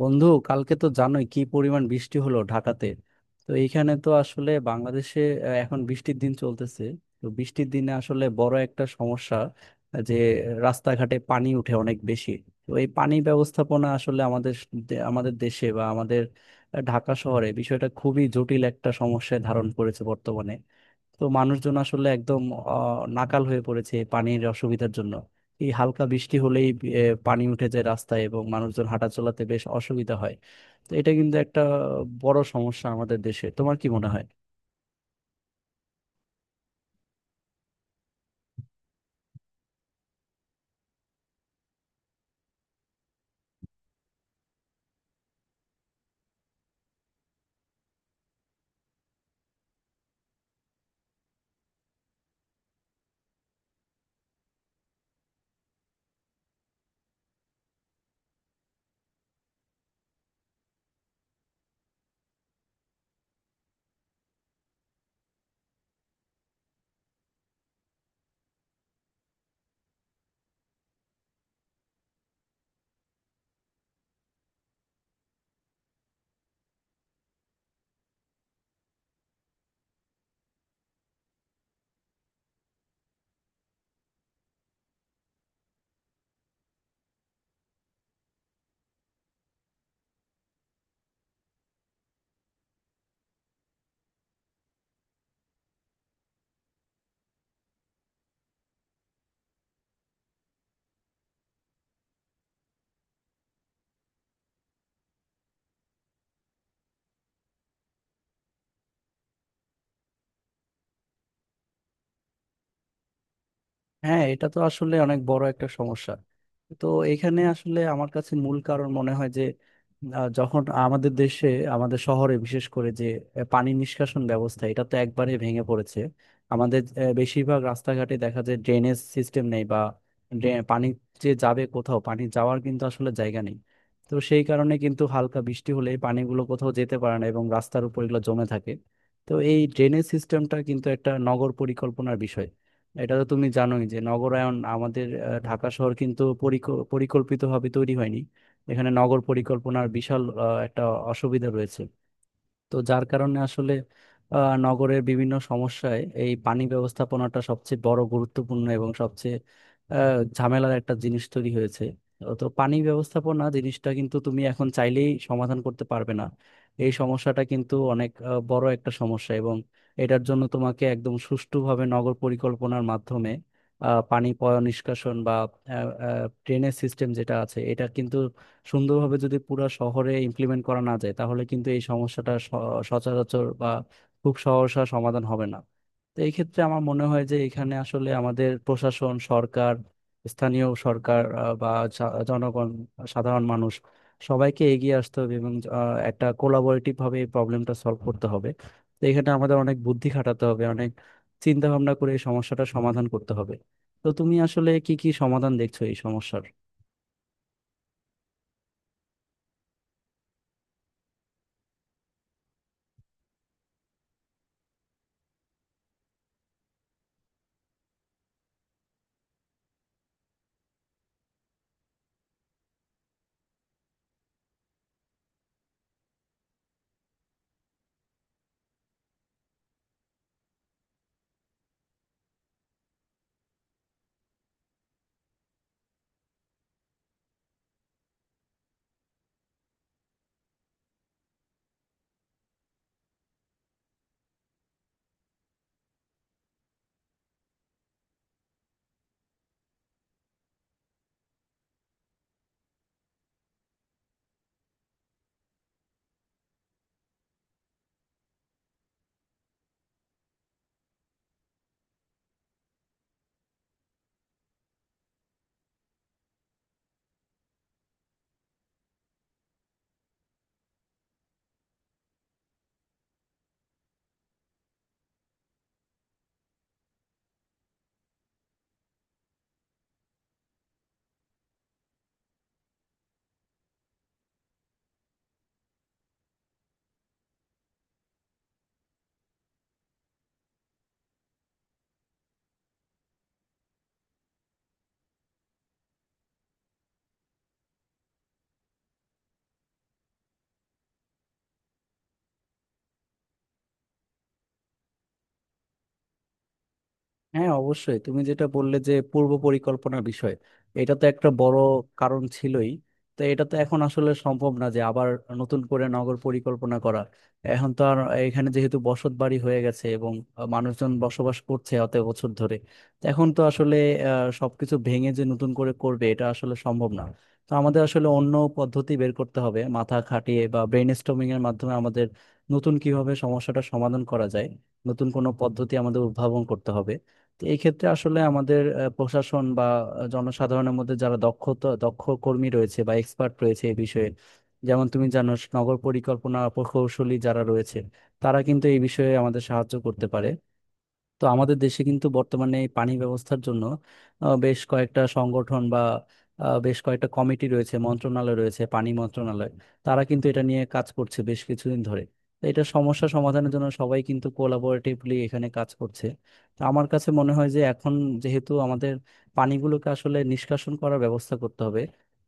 বন্ধু, কালকে তো জানোই কি পরিমাণ বৃষ্টি হলো ঢাকাতে। তো এইখানে তো আসলে বাংলাদেশে এখন বৃষ্টির দিন চলতেছে। তো বৃষ্টির দিনে আসলে বড় একটা সমস্যা, যে রাস্তাঘাটে পানি উঠে অনেক বেশি। তো এই পানি ব্যবস্থাপনা আসলে আমাদের দেশে বা আমাদের ঢাকা শহরে বিষয়টা খুবই জটিল একটা সমস্যায় ধারণ করেছে বর্তমানে। তো মানুষজন আসলে একদম নাকাল হয়ে পড়েছে এই পানির অসুবিধার জন্য। এই হালকা বৃষ্টি হলেই পানি উঠে যায় রাস্তায়, এবং মানুষজন হাঁটা চলাতে বেশ অসুবিধা হয়। তো এটা কিন্তু একটা বড় সমস্যা আমাদের দেশে। তোমার কি মনে হয়? হ্যাঁ, এটা তো আসলে অনেক বড় একটা সমস্যা। তো এখানে আসলে আমার কাছে মূল কারণ মনে হয় যে যখন আমাদের দেশে, আমাদের শহরে বিশেষ করে যে পানি নিষ্কাশন ব্যবস্থা, এটা তো একবারে ভেঙে পড়েছে। আমাদের বেশিরভাগ রাস্তাঘাটে দেখা যায় ড্রেনেজ সিস্টেম নেই, বা পানি যে যাবে কোথাও, পানি যাওয়ার কিন্তু আসলে জায়গা নেই। তো সেই কারণে কিন্তু হালকা বৃষ্টি হলে এই পানিগুলো কোথাও যেতে পারে না এবং রাস্তার উপর এগুলো জমে থাকে। তো এই ড্রেনেজ সিস্টেমটা কিন্তু একটা নগর পরিকল্পনার বিষয়। এটা তো তুমি জানোই যে নগরায়ন, আমাদের ঢাকা শহর কিন্তু পরিকল্পিত ভাবে তৈরি হয়নি। এখানে নগর পরিকল্পনার বিশাল একটা অসুবিধা রয়েছে। তো যার কারণে আসলে নগরের বিভিন্ন সমস্যায় এই পানি ব্যবস্থাপনাটা সবচেয়ে বড় গুরুত্বপূর্ণ এবং সবচেয়ে ঝামেলার একটা জিনিস তৈরি হয়েছে। তো পানি ব্যবস্থাপনা জিনিসটা কিন্তু তুমি এখন চাইলেই সমাধান করতে পারবে না। এই সমস্যাটা কিন্তু অনেক বড় একটা সমস্যা, এবং এটার জন্য তোমাকে একদম সুষ্ঠুভাবে নগর পরিকল্পনার মাধ্যমে পানি পয় নিষ্কাশন বা ড্রেনেজ সিস্টেম যেটা আছে এটা কিন্তু সুন্দরভাবে যদি পুরো শহরে ইমপ্লিমেন্ট করা না যায়, তাহলে কিন্তু এই সচরাচর বা খুব সহসা সমাধান হবে না। তো এই ক্ষেত্রে আমার মনে হয় যে এখানে আসলে আমাদের প্রশাসন, সরকার, স্থানীয় সরকার, বা জনগণ, সাধারণ মানুষ সবাইকে এগিয়ে আসতে হবে, এবং একটা কোলাবোরেটিভ ভাবে এই প্রবলেমটা সলভ করতে হবে। তো এখানে আমাদের অনেক বুদ্ধি খাটাতে হবে, অনেক চিন্তা ভাবনা করে এই সমস্যাটা সমাধান করতে হবে। তো তুমি আসলে কি কি সমাধান দেখছো এই সমস্যার? হ্যাঁ, অবশ্যই তুমি যেটা বললে যে পূর্ব পরিকল্পনা বিষয়, এটা তো একটা বড় কারণ ছিলই। তো এটা তো এখন আসলে সম্ভব না যে আবার নতুন করে নগর পরিকল্পনা করা। এখন তো আর এখানে যেহেতু বসত বাড়ি হয়ে গেছে এবং মানুষজন বসবাস করছে অত বছর ধরে, তো এখন তো আসলে সবকিছু ভেঙে যে নতুন করে করবে এটা আসলে সম্ভব না। তো আমাদের আসলে অন্য পদ্ধতি বের করতে হবে মাথা খাটিয়ে বা ব্রেন স্টর্মিং এর মাধ্যমে। আমাদের নতুন কিভাবে সমস্যাটা সমাধান করা যায়, নতুন কোনো পদ্ধতি আমাদের উদ্ভাবন করতে হবে। তো এই ক্ষেত্রে আসলে আমাদের প্রশাসন বা জনসাধারণের মধ্যে যারা দক্ষতা দক্ষ কর্মী রয়েছে বা এক্সপার্ট রয়েছে এই বিষয়ে, যেমন তুমি জানো নগর পরিকল্পনা প্রকৌশলী যারা রয়েছে, তারা কিন্তু এই বিষয়ে আমাদের সাহায্য করতে পারে। তো আমাদের দেশে কিন্তু বর্তমানে এই পানি ব্যবস্থার জন্য বেশ কয়েকটা সংগঠন বা বেশ কয়েকটা কমিটি রয়েছে, মন্ত্রণালয় রয়েছে, পানি মন্ত্রণালয়। তারা কিন্তু এটা নিয়ে কাজ করছে বেশ কিছুদিন ধরে। তো এটা সমস্যা সমাধানের জন্য সবাই কিন্তু কোলাবোরেটিভলি এখানে কাজ করছে। তো আমার কাছে মনে হয় যে এখন যেহেতু আমাদের পানিগুলোকে আসলে নিষ্কাশন করার ব্যবস্থা করতে হবে,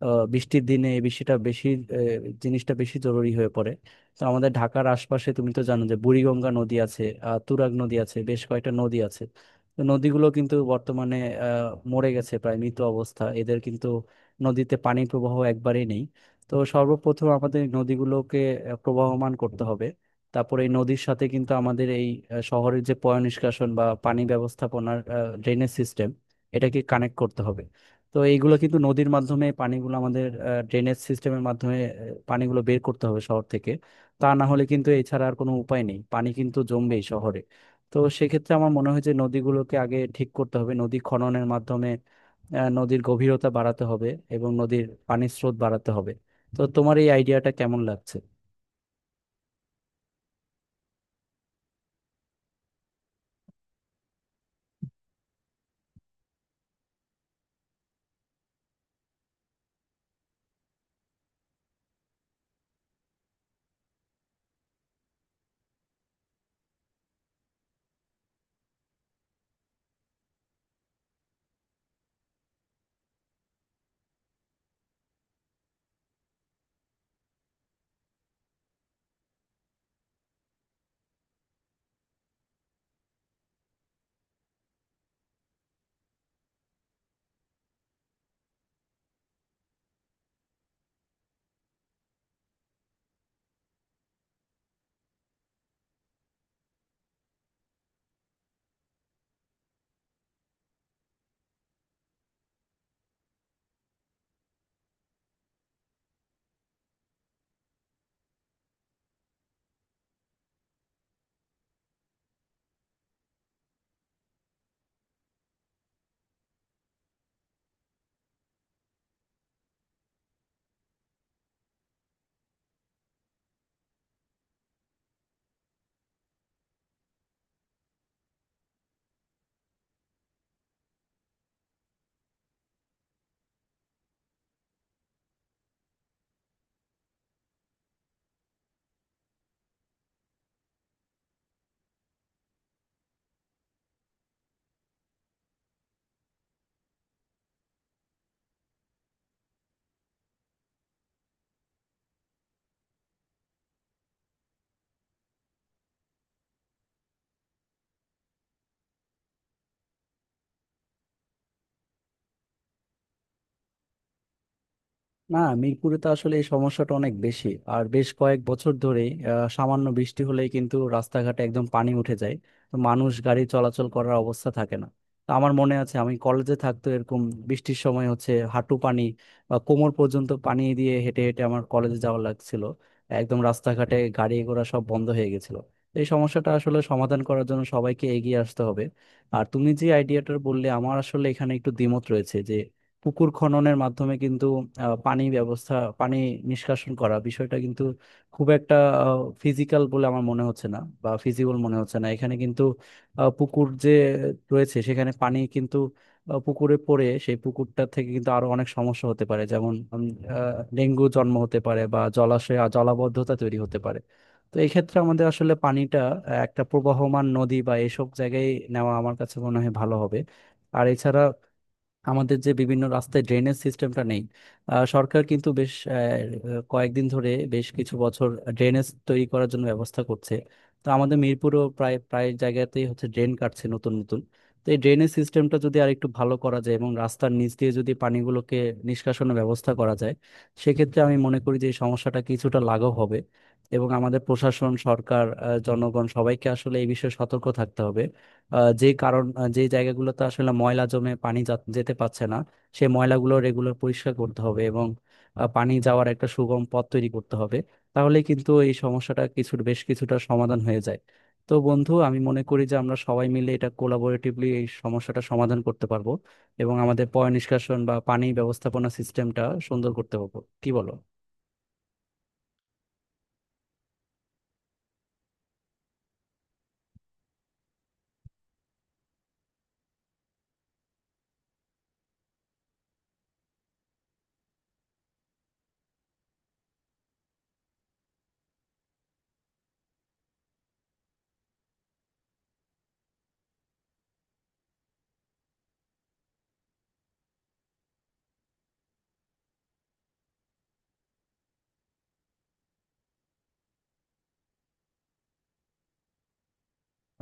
বৃষ্টির দিনে এই বৃষ্টিটা বেশি, আহ, জিনিসটা বেশি জরুরি হয়ে পড়ে। তো আমাদের ঢাকার আশপাশে তুমি তো জানো যে বুড়িগঙ্গা নদী আছে, তুরাগ নদী আছে, বেশ কয়েকটা নদী আছে। তো নদীগুলো কিন্তু বর্তমানে মরে গেছে, প্রায় মৃত অবস্থা এদের কিন্তু। নদীতে পানির প্রবাহ একবারেই নেই। তো সর্বপ্রথম আমাদের এই নদীগুলোকে প্রবাহমান করতে হবে। তারপরে এই নদীর সাথে কিন্তু আমাদের এই শহরের যে পয় নিষ্কাশন বা পানি ব্যবস্থাপনার ড্রেনেজ সিস্টেম, এটাকে কানেক্ট করতে হবে। তো এইগুলো কিন্তু নদীর মাধ্যমে পানিগুলো আমাদের ড্রেনেজ সিস্টেমের মাধ্যমে পানিগুলো বের করতে হবে শহর থেকে। তা না হলে কিন্তু এছাড়া আর কোনো উপায় নেই, পানি কিন্তু জমবেই শহরে। তো সেক্ষেত্রে আমার মনে হয় যে নদীগুলোকে আগে ঠিক করতে হবে নদী খননের মাধ্যমে। নদীর গভীরতা বাড়াতে হবে, এবং নদীর পানির স্রোত বাড়াতে হবে। তো তোমার এই আইডিয়াটা কেমন লাগছে? না, মিরপুরে তো আসলে এই সমস্যাটা অনেক বেশি। আর বেশ কয়েক বছর ধরেই সামান্য বৃষ্টি হলেই কিন্তু রাস্তাঘাটে একদম পানি উঠে যায়। তো মানুষ গাড়ি চলাচল করার অবস্থা থাকে না। তো আমার মনে আছে আমি কলেজে থাকতো এরকম বৃষ্টির সময় হচ্ছে হাঁটু পানি বা কোমর পর্যন্ত পানি দিয়ে হেঁটে হেঁটে আমার কলেজে যাওয়া লাগছিল। একদম রাস্তাঘাটে গাড়ি ঘোড়া সব বন্ধ হয়ে গেছিল। তো এই সমস্যাটা আসলে সমাধান করার জন্য সবাইকে এগিয়ে আসতে হবে। আর তুমি যে আইডিয়াটা বললে, আমার আসলে এখানে একটু দ্বিমত রয়েছে যে পুকুর খননের মাধ্যমে কিন্তু আহ, পানি ব্যবস্থা পানি নিষ্কাশন করা বিষয়টা কিন্তু খুব একটা ফিজিক্যাল বলে আমার মনে হচ্ছে না, বা ফিজিবল মনে হচ্ছে না। এখানে কিন্তু পুকুর যে রয়েছে সেখানে পানি কিন্তু পুকুরে পড়ে, সেই পুকুরটা থেকে কিন্তু আরো অনেক সমস্যা হতে পারে, যেমন ডেঙ্গু জন্ম হতে পারে, বা জলাশয় আর জলাবদ্ধতা তৈরি হতে পারে। তো এই ক্ষেত্রে আমাদের আসলে পানিটা একটা প্রবাহমান নদী বা এসব জায়গায় নেওয়া আমার কাছে মনে হয় ভালো হবে। আর এছাড়া আমাদের যে বিভিন্ন রাস্তায় ড্রেনেজ সিস্টেমটা নেই, সরকার কিন্তু বেশ কয়েকদিন ধরে, বেশ কিছু বছর ড্রেনেজ তৈরি করার জন্য ব্যবস্থা করছে। তো আমাদের মিরপুরও প্রায় প্রায় জায়গাতেই হচ্ছে ড্রেন কাটছে নতুন নতুন। তো এই ড্রেনেজ সিস্টেমটা যদি আর একটু ভালো করা যায় এবং রাস্তার নিচ দিয়ে যদি পানিগুলোকে নিষ্কাশনের ব্যবস্থা করা যায়, সেক্ষেত্রে আমি মনে করি যে এই সমস্যাটা কিছুটা লাঘব হবে। এবং আমাদের প্রশাসন, সরকার, জনগণ সবাইকে আসলে এই বিষয়ে সতর্ক থাকতে হবে। আহ, যে কারণ আহ, যে জায়গাগুলোতে আসলে ময়লা জমে পানি যেতে পারছে না, সেই ময়লাগুলো রেগুলার পরিষ্কার করতে হবে, এবং পানি যাওয়ার একটা সুগম পথ তৈরি করতে হবে। তাহলে কিন্তু এই সমস্যাটা বেশ কিছুটা সমাধান হয়ে যায়। তো বন্ধু, আমি মনে করি যে আমরা সবাই মিলে এটা কোলাবোরেটিভলি এই সমস্যাটা সমাধান করতে পারবো, এবং আমাদের পয় নিষ্কাশন বা পানি ব্যবস্থাপনা সিস্টেমটা সুন্দর করতে পারবো। কি বলো?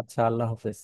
আচ্ছা, আল্লাহ হাফেজ।